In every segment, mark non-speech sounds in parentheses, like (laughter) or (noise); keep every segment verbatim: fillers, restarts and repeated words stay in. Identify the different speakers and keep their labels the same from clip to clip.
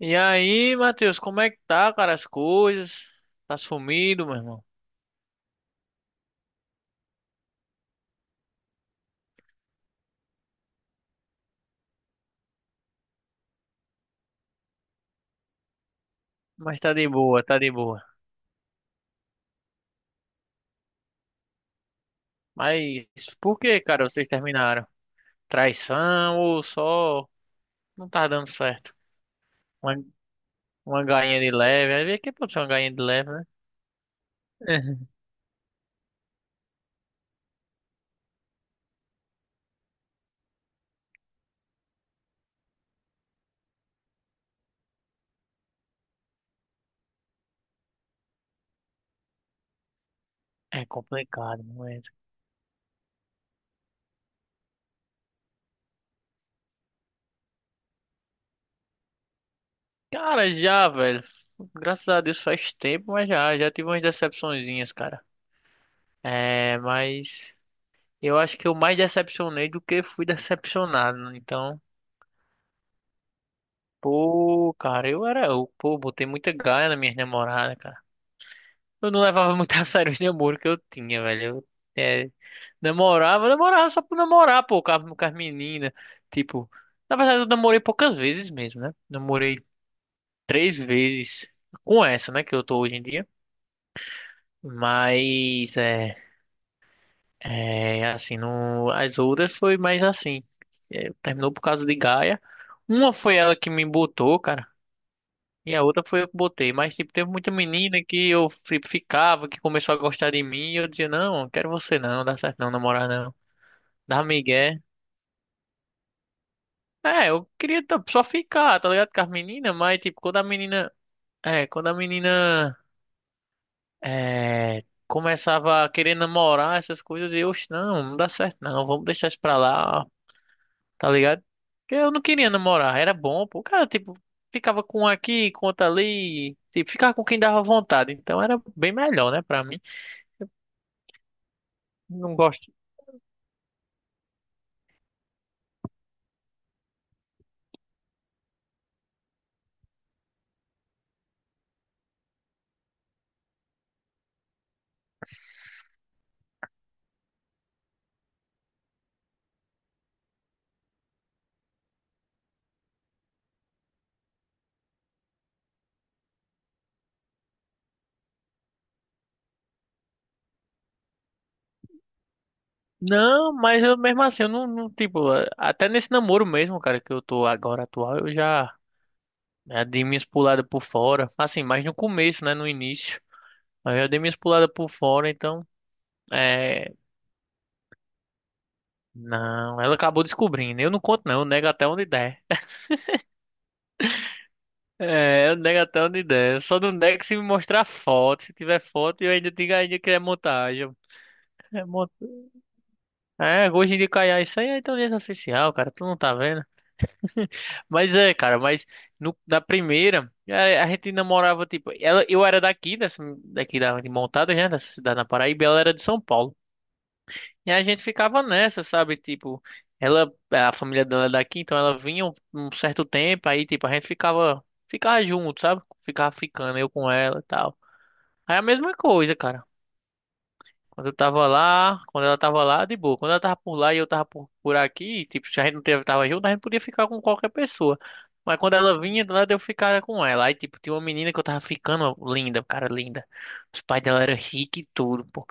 Speaker 1: E aí, Matheus, como é que tá, cara, as coisas? Tá sumido, meu irmão. Mas tá de boa, tá de boa. Mas por que, cara, vocês terminaram? Traição ou só não tá dando certo? Uma, uma galinha de leve, às vezes que pode ser uma galinha de leve, né? (laughs) É complicado, mas... Cara, já, velho. Graças a Deus faz tempo, mas já, já tive umas decepçõezinhas, cara. É, mas eu acho que eu mais decepcionei do que fui decepcionado, né? Então, pô, cara, eu era. Eu, pô, botei muita gaia na minha namorada, cara. Eu não levava (laughs) muito a sério os namoros que eu tinha, velho. Eu, é, namorava, namorava só por namorar, pô, com as com as meninas. Tipo, na verdade eu namorei poucas vezes mesmo, né? Namorei três vezes com essa, né, que eu tô hoje em dia. Mas, é. É, assim, não, as outras foi mais assim. É, terminou por causa de gaia. Uma foi ela que me botou, cara. E a outra foi eu que botei. Mas, tipo, teve muita menina que eu fi- ficava, que começou a gostar de mim. E eu dizia, não, quero você não, não dá certo não, namorar não. Dá migué. É, eu queria tá- só ficar, tá ligado? Com as meninas, mas, tipo, quando a menina... É, quando a menina... É... Começava a querer namorar essas coisas. E eu, "Oxe, não, não dá certo não. Vamos deixar isso pra lá, tá ligado? Porque eu não queria namorar. Era bom, pô. O cara, tipo, ficava com um aqui, com outro ali. Tipo, ficava com quem dava vontade. Então, era bem melhor, né, pra mim. Não gosto. Não, mas eu mesmo assim, eu não, não, tipo, até nesse namoro mesmo, cara, que eu tô agora atual, eu já, já dei minhas puladas por fora. Assim, mas no começo, né, no início. Mas eu já dei minhas puladas por fora, então, é. Não, ela acabou descobrindo. Eu não conto, não, eu nego até onde der. (laughs) É, eu nego até onde der. Eu só não nego se me mostrar foto. Se tiver foto, eu ainda digo ainda que é montagem. É, mont... é, hoje em dia caiu isso aí é inteligência artificial, cara, tu não tá vendo? (laughs) Mas é, cara, mas no- na primeira, a, a gente namorava, tipo, ela, eu era daqui, dessa, daqui da, de Montada, né, dessa cidade na Paraíba, ela era de São Paulo. E a gente ficava nessa, sabe, tipo, ela, a família dela é daqui, então ela vinha um, um certo tempo, aí, tipo, a gente ficava, ficava junto, sabe, ficava ficando, eu com ela e tal. Aí a mesma coisa, cara. Quando eu tava lá, quando ela tava lá, de boa. Quando ela tava por lá e eu tava por, por aqui, tipo, se a gente não teve- tava junto, a gente podia ficar com qualquer pessoa. Mas quando ela vinha, do nada eu ficava com ela. Aí, tipo, tinha uma menina que eu tava ficando ó, linda, cara, linda. Os pais dela eram ricos e tudo, pô.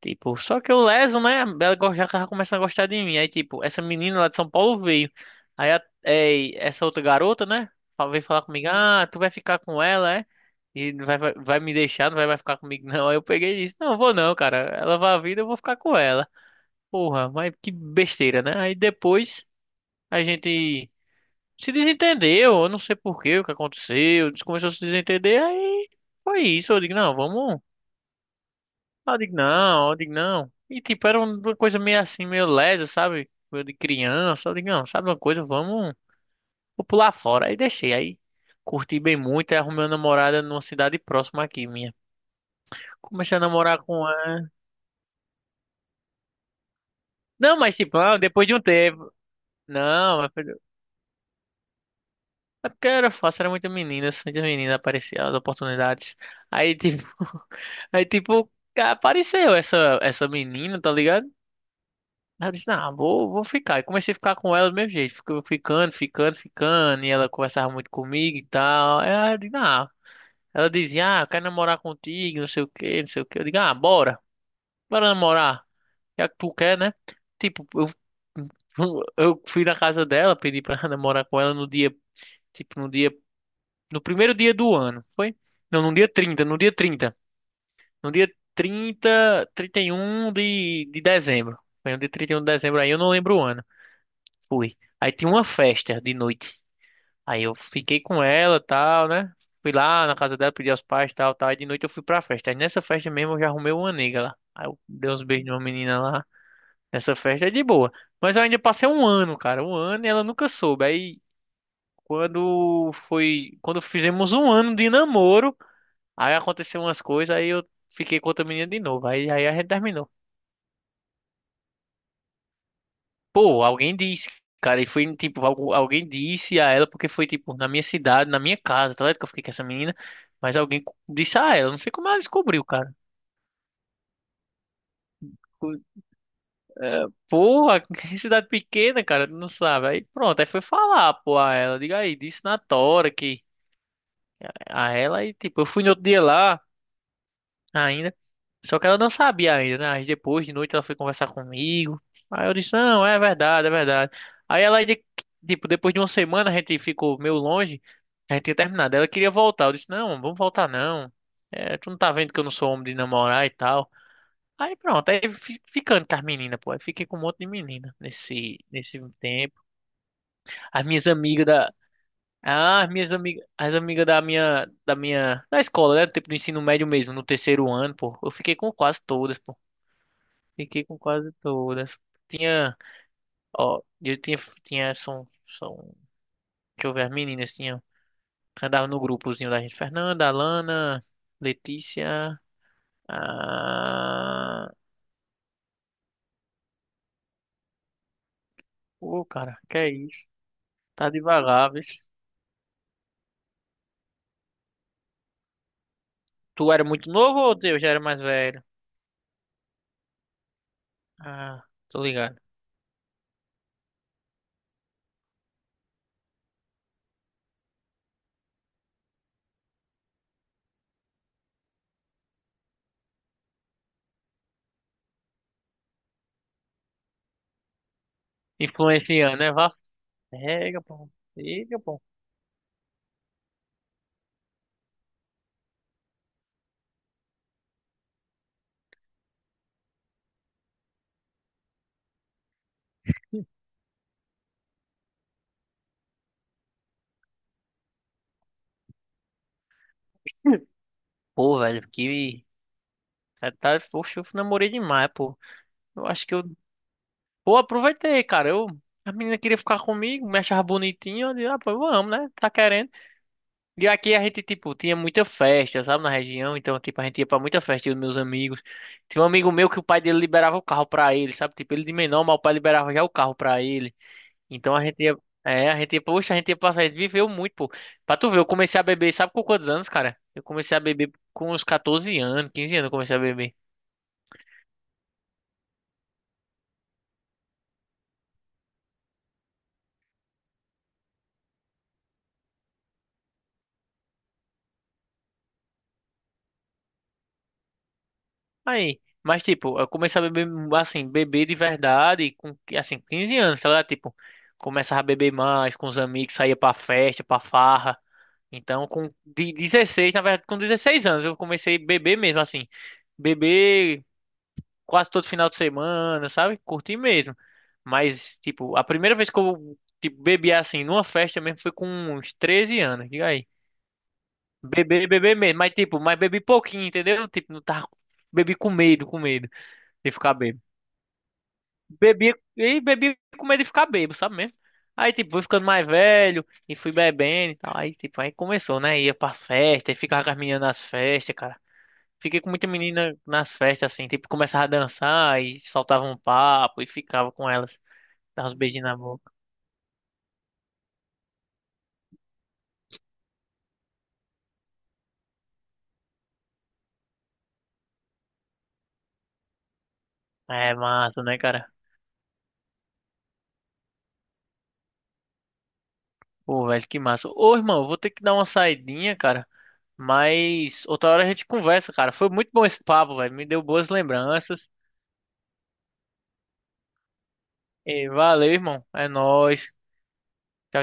Speaker 1: Tipo, só que o Leso, né? Ela go- já tava começando a gostar de mim. Aí, tipo, essa menina lá de São Paulo veio. Aí, a- é, essa outra garota, né? fa- Veio falar comigo: Ah, tu vai ficar com ela, é? E não vai, vai, vai me deixar, não vai, vai ficar comigo, não. Aí eu peguei e disse: Não, vou não, cara. Ela vai vir, eu vou ficar com ela. Porra, mas que besteira, né? Aí depois a gente se desentendeu. Eu não sei por quê, o que aconteceu. A gente começou a se desentender. Aí foi isso. Eu digo: Não, vamos. Aí eu digo, não, eu digo, não. E tipo, era uma coisa meio assim, meio lesa, sabe? Coisa de criança. Eu digo, não, sabe uma coisa? Vamos, vou pular fora. Aí deixei, aí curti bem muito. Aí arrumei uma namorada numa cidade próxima aqui, minha. Comecei a namorar com ela. Não, mas tipo, não, depois de um tempo. Não, mas foi- é porque era fácil, era muita menina, muitas meninas apareciam, as oportunidades. Aí tipo, (laughs) aí tipo, apareceu essa, essa menina, tá ligado? Aí eu disse, não, vou, vou ficar. E comecei a ficar com ela do mesmo jeito. Ficou ficando, ficando, ficando. E ela conversava muito comigo e tal. Aí eu disse, não. Ela dizia, ah, eu quero namorar contigo, não sei o que, não sei o que. Eu digo, ah, bora. Bora namorar. Já que tu quer, né? Tipo, eu, (laughs) eu fui na casa dela, pedi pra (laughs) namorar com ela no dia, tipo, no dia, no primeiro dia do ano. Foi? Não, no dia trinta no dia trinta No dia trinta trinta e um de, de dezembro. Foi no dia trinta e um de dezembro aí, eu não lembro o ano. Fui. Aí tinha uma festa de noite. Aí eu fiquei com ela, tal, né? Fui lá na casa dela, pedi aos pais, tal, tal. Aí de noite eu fui pra festa. Aí nessa festa mesmo eu já arrumei uma nega lá. Aí eu dei uns beijos numa menina lá. Nessa festa é de boa. Mas eu ainda passei um ano, cara. Um ano e ela nunca soube. Aí quando foi. Quando fizemos um ano de namoro, aí aconteceu umas coisas, aí eu fiquei com outra menina de novo. Aí, aí a gente terminou. Pô, alguém disse, cara, e foi tipo, algu- alguém disse a ela porque foi tipo na minha cidade, na minha casa, tá ligado? Que eu fiquei com essa menina, mas alguém co- disse a ela, não sei como ela descobriu, cara. Co- É, porra, (laughs) que cidade pequena, cara, não sabe. Aí pronto, aí foi falar, pô, a ela, diga aí, disse na tora que a ela, e tipo, eu fui no outro dia lá ainda. Só que ela não sabia ainda, né? Aí depois de noite ela foi conversar comigo. Aí eu disse, não, é verdade, é verdade. Aí ela, de- tipo, depois de uma semana a gente ficou meio longe, a gente tinha terminado. Ela queria voltar. Eu disse, não, vamos voltar não. É, tu não tá vendo que eu não sou homem de namorar e tal. Aí pronto, aí fi- ficando com as meninas, pô. Aí fiquei com um monte de menina nesse, nesse tempo. As minhas amigas da. Ah, as minhas amigas, as amigas da minha, da minha, da escola, né? Tipo, do ensino médio mesmo, no terceiro ano, pô. Eu fiquei com quase todas, pô. Fiquei com quase todas. Tinha, ó, eu tinha, tinha, são, são, deixa eu ver, as meninas tinham, andavam no grupozinho da gente, Fernanda, Alana, Letícia, ah, ô, cara, que é isso? Tá devagar, vês? Tu era muito novo ou eu já era mais velho? Ah, tô ligado. Influenciando, né, vá? Pega, pô, pega, pô. Pô, velho, que... Tá, poxa, eu namorei demais, pô. Eu acho que eu Pô, aproveitei, cara. Eu, a menina queria ficar comigo, me achava bonitinho. Eu disse, ah, pô, vamos, né? Tá querendo. E aqui a gente, tipo, tinha muita festa, sabe, na região. Então, tipo, a gente ia pra muita festa, eu e meus amigos. Tinha um amigo meu que o pai dele liberava o carro pra ele, sabe? Tipo, ele de menor, mas o pai liberava já o carro pra ele. Então a gente ia. É, a gente ia, poxa, a gente ia pra festa. Viveu muito, pô. Pra tu ver, eu comecei a beber, sabe com quantos anos, cara? Eu comecei a beber com uns quatorze anos, quinze anos, eu comecei a beber. Aí, mas tipo, eu comecei a beber, assim, beber de verdade com, assim, quinze anos, tá ligado? Tipo, começava a beber mais com os amigos, saía pra festa, pra farra. Então, com de dezesseis, na verdade, com dezesseis anos, eu comecei a beber mesmo, assim. Beber quase todo final de semana, sabe? Curtir mesmo. Mas, tipo, a primeira vez que eu, tipo, bebi, assim, numa festa mesmo foi com uns treze anos, diga aí. Beber, beber mesmo, mas, tipo, mas bebi pouquinho, entendeu? Tipo, não tava... Bebi com medo, com medo de ficar bêbado. Bebi e bebi com medo de ficar bêbado, sabe mesmo? Aí, tipo, fui ficando mais velho e fui bebendo e tal. Aí, tipo, aí começou, né? Ia pras festa e ficava com as meninas nas festas, cara. Fiquei com muita menina nas festas, assim, tipo, começava a dançar e soltava um papo e ficava com elas. Dava uns beijinhos na boca. É massa, né, cara? Pô, velho, que massa. Ô, irmão, eu vou ter que dar uma saidinha, cara. Mas outra hora a gente conversa, cara. Foi muito bom esse papo, velho. Me deu boas lembranças. E valeu, irmão. É nóis. Tchau,